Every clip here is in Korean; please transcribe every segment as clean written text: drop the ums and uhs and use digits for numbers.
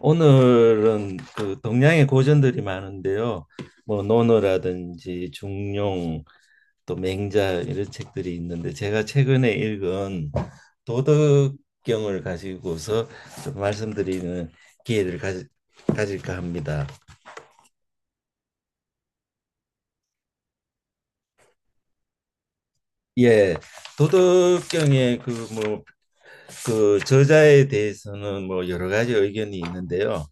오늘은 그 동양의 고전들이 많은데요. 뭐 논어라든지 중용 또 맹자 이런 책들이 있는데, 제가 최근에 읽은 도덕경을 가지고서 좀 말씀드리는 기회를 가질까 합니다. 예, 도덕경의 그뭐 그 저자에 대해서는 뭐 여러 가지 의견이 있는데요.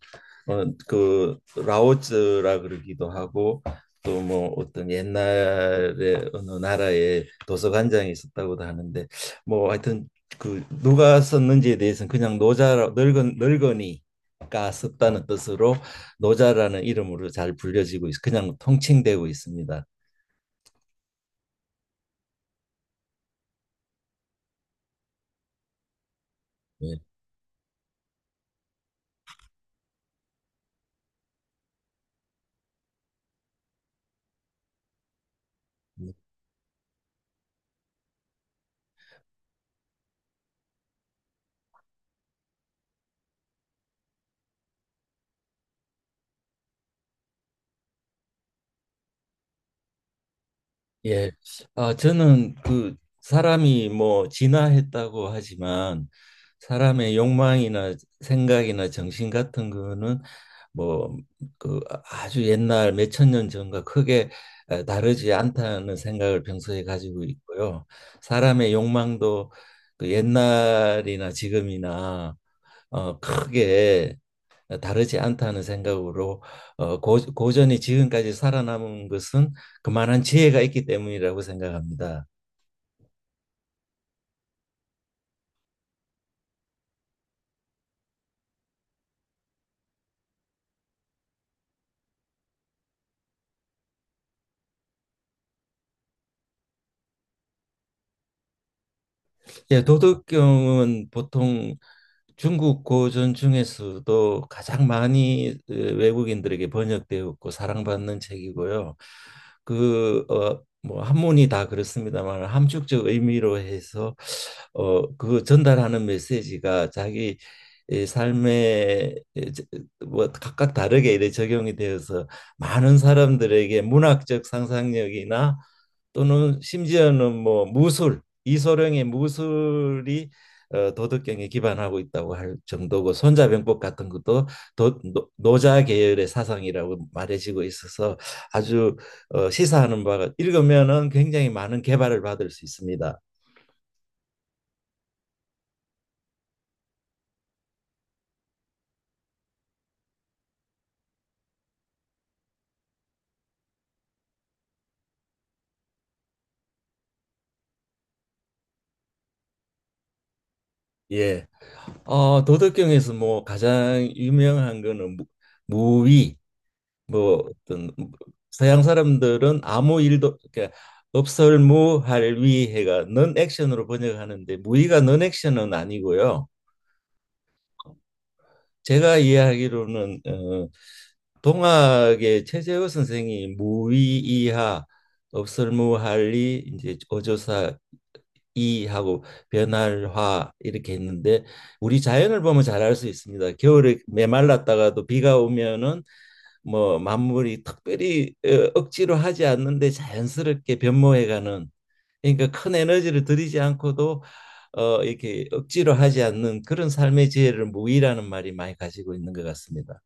그 라오즈라 그러기도 하고, 또 뭐 어떤 옛날에 어느 나라에 도서관장이 있었다고도 하는데, 뭐 하여튼 그 누가 썼는지에 대해서는 그냥 노자, 늙은 늙은이가 썼다는 뜻으로 노자라는 이름으로 잘 불려지고 그냥 통칭되고 있습니다. 예. 예. 아, 저는 그 사람이 뭐 진화했다고 하지만, 사람의 욕망이나 생각이나 정신 같은 거는 뭐 그 아주 옛날 몇천 년 전과 크게 다르지 않다는 생각을 평소에 가지고 있고요. 사람의 욕망도 그 옛날이나 지금이나 크게 다르지 않다는 생각으로, 고전이 지금까지 살아남은 것은 그만한 지혜가 있기 때문이라고 생각합니다. 예, 도덕경은 보통 중국 고전 중에서도 가장 많이 외국인들에게 번역되었고 사랑받는 책이고요. 뭐 한문이 다 그렇습니다만, 함축적 의미로 해서 그 전달하는 메시지가 자기 이 삶에 뭐 각각 다르게 이래 적용이 되어서, 많은 사람들에게 문학적 상상력이나 또는 심지어는 뭐 무술, 이소룡의 무술이 도덕경에 기반하고 있다고 할 정도고, 손자병법 같은 것도 노자 계열의 사상이라고 말해지고 있어서, 아주 시사하는 바가, 읽으면은 굉장히 많은 개발을 받을 수 있습니다. 예. 도덕경에서 뭐 가장 유명한 거는 무위, 뭐 어떤 서양 사람들은 아무 일도, 그러니까 없설무할 위해가 넌 액션으로 번역하는데, 무의가 넌 액션은 아니고요. 제가 이해하기로는 동학의 최재호 선생이 무의 이하, 없설무할이 이제 어조사 이하고 변할화, 이렇게 했는데, 우리 자연을 보면 잘 알 수 있습니다. 겨울에 메말랐다가도 비가 오면은 뭐 만물이 특별히 억지로 하지 않는데 자연스럽게 변모해가는, 그러니까 큰 에너지를 들이지 않고도 이렇게 억지로 하지 않는 그런 삶의 지혜를 무의라는 말이 많이 가지고 있는 것 같습니다.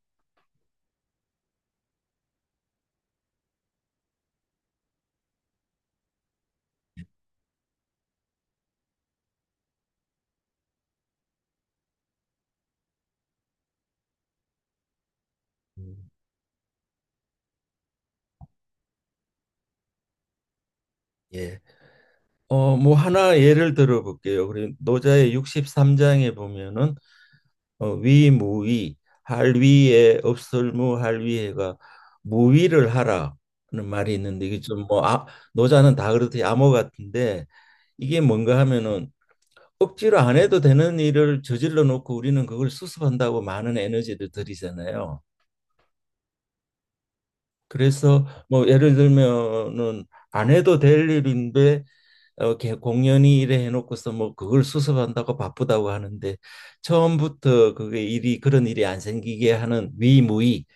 음, 예. 뭐 하나 예를 들어 볼게요. 우리 노자의 63장에 보면은 위무위, 할위에 없설무할위에가 무위를 하라는 말이 있는데, 이게 좀 뭐 노자는 다 그렇듯이 암호 같은데, 이게 뭔가 하면은 억지로 안 해도 되는 일을 저질러 놓고 우리는 그걸 수습한다고 많은 에너지를 들이잖아요. 그래서 뭐 예를 들면은 안 해도 될 일인데 공연이 이래 해놓고서 뭐 그걸 수습한다고 바쁘다고 하는데, 처음부터 그게 일이, 그런 일이 안 생기게 하는 위무위,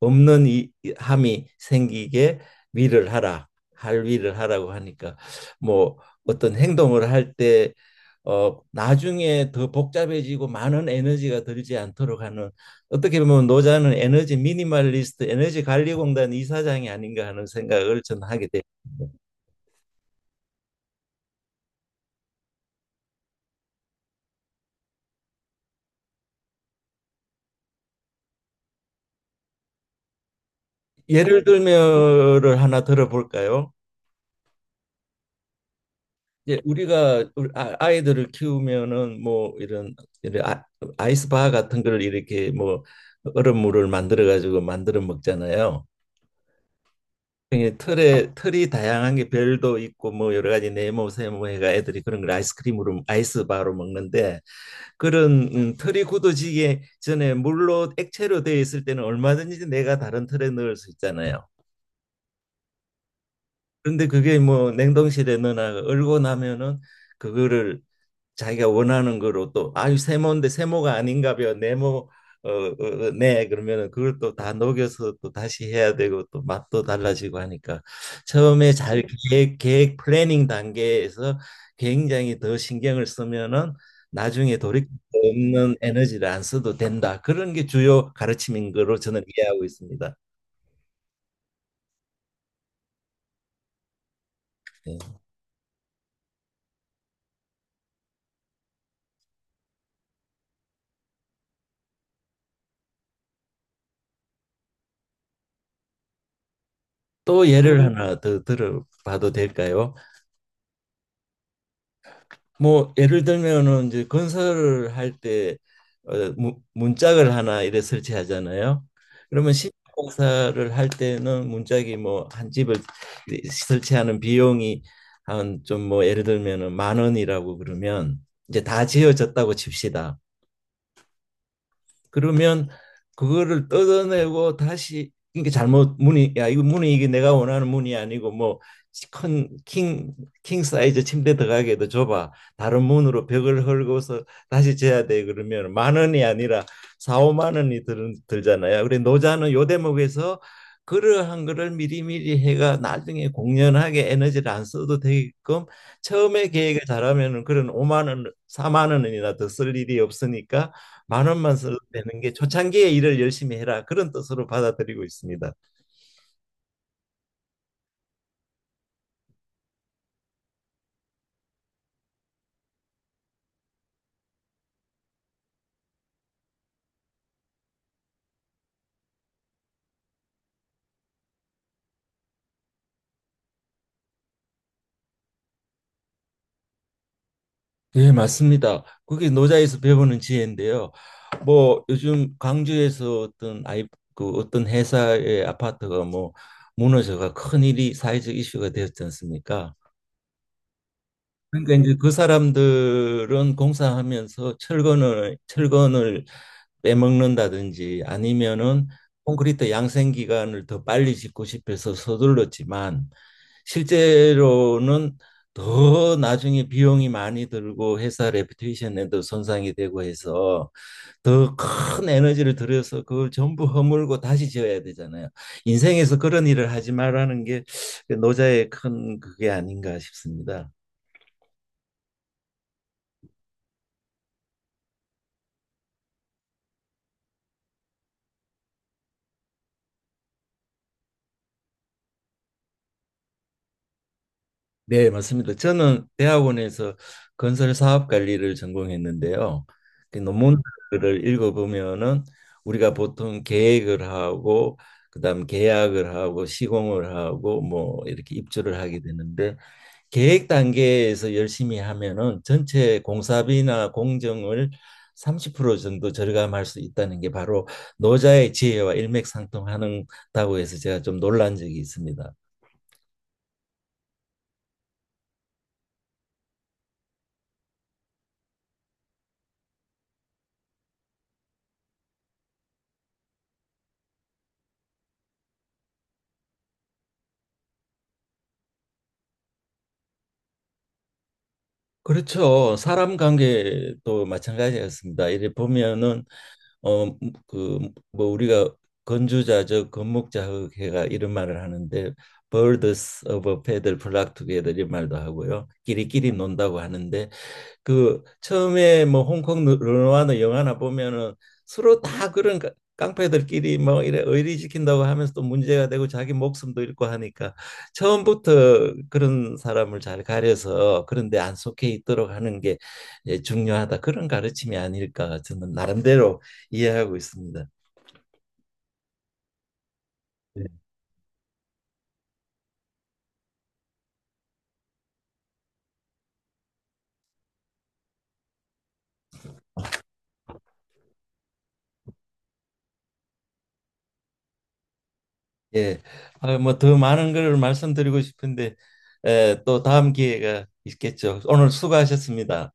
없는 함이 생기게 위를 하라, 할 위를 하라고 하니까, 뭐 어떤 행동을 할 때 나중에 더 복잡해지고 많은 에너지가 들지 않도록 하는, 어떻게 보면 노자는 에너지 미니멀리스트, 에너지 관리공단 이사장이 아닌가 하는 생각을 저는 하게 됩니다. 예를 들면을 하나 들어볼까요? 이제 우리가 이들을 키우면은 뭐 이런, 이런 아- 아이스바 같은 걸 이렇게 뭐 얼음물을 만들어 가지고 만들어 먹잖아요. 틀에, 틀이 다양한 게 별도 있고 뭐 여러 가지 네모 세모 해가, 애들이 그런 걸 아이스크림으로, 아이스바로 먹는데, 그런 털이 굳어지기 전에 물로, 액체로 되어 있을 때는 얼마든지 내가 다른 털에 넣을 수 있잖아요. 그런데 그게 뭐 냉동실에 넣어놔 얼고 나면은, 그거를 자기가 원하는 거로, 또 아유 세모인데 세모가 아닌가 봐 네모 네, 그러면은 그걸 또 다 녹여서 또 다시 해야 되고 또 맛도 달라지고 하니까, 처음에 잘, 네. 계획 플래닝 단계에서 굉장히 더 신경을 쓰면은 나중에 돌이킬 수 없는 에너지를 안 써도 된다, 그런 게 주요 가르침인 거로 저는 이해하고 있습니다. 예. 또 예를 하나 더 들어봐도 될까요? 뭐 예를 들면은 이제 건설을 할 때 문짝을 하나 이래 설치하잖아요. 그러면 신공사를 할 때는 문짝이 뭐 한 집을 설치하는 비용이 한 좀, 뭐 예를 들면은 만 원이라고 그러면, 이제 다 지어졌다고 칩시다. 그러면 그거를 뜯어내고 다시, 이게 잘못 문이, 야 이거 문이, 이게 내가 원하는 문이 아니고 뭐큰킹킹 사이즈 침대 들어가기도 좁아 다른 문으로, 벽을 헐고서 다시 재야 돼. 그러면 만 원이 아니라 4, 5만 원이 들잖아요. 그래 노자는 요 대목에서 그러한 거를 미리미리 해가 나중에 공연하게 에너지를 안 써도 되게끔, 처음에 계획을 잘하면은 그런 5만 원, 4만 원이나 더 쓸 일이 없으니까, 10,000원만 써도 되는 게, 초창기에 일을 열심히 해라, 그런 뜻으로 받아들이고 있습니다. 예, 맞습니다. 그게 노자에서 배우는 지혜인데요. 뭐 요즘 광주에서 어떤 아이 그 어떤 회사의 아파트가 뭐 무너져가 큰 일이, 사회적 이슈가 되었지 않습니까? 그러니까 이제 그 사람들은 공사하면서 철근을 빼먹는다든지, 아니면은 콘크리트 양생 기간을 더 빨리 짓고 싶어서 서둘렀지만, 실제로는 더 나중에 비용이 많이 들고 회사 레퓨테이션에도 손상이 되고 해서, 더 큰 에너지를 들여서 그걸 전부 허물고 다시 지어야 되잖아요. 인생에서 그런 일을 하지 말라는 게 노자의 큰, 그게 아닌가 싶습니다. 네, 맞습니다. 저는 대학원에서 건설 사업 관리를 전공했는데요. 그 논문들을 읽어보면은 우리가 보통 계획을 하고 그다음 계약을 하고 시공을 하고, 뭐 이렇게 입주를 하게 되는데, 계획 단계에서 열심히 하면은 전체 공사비나 공정을 30% 정도 절감할 수 있다는 게 바로 노자의 지혜와 일맥상통하는다고 해서 제가 좀 놀란 적이 있습니다. 그렇죠. 사람 관계도 마찬가지였습니다. 이래 보면은 어 그 뭐 우리가 건주자적 건목자흑해가, 이런 말을 하는데, birds of a feather flock together, 이 말도 하고요. 끼리끼리 논다고 하는데, 그 처음에 뭐 홍콩 르누아르 영화나 보면은 서로 다 그런 깡패들끼리 뭐 이래 의리 지킨다고 하면서 또 문제가 되고 자기 목숨도 잃고 하니까, 처음부터 그런 사람을 잘 가려서 그런데 안 속해 있도록 하는 게, 예, 중요하다, 그런 가르침이 아닐까 저는 나름대로 이해하고 있습니다. 네. 예, 뭐더 많은 걸 말씀드리고 싶은데 또 다음 기회가 있겠죠. 오늘 수고하셨습니다.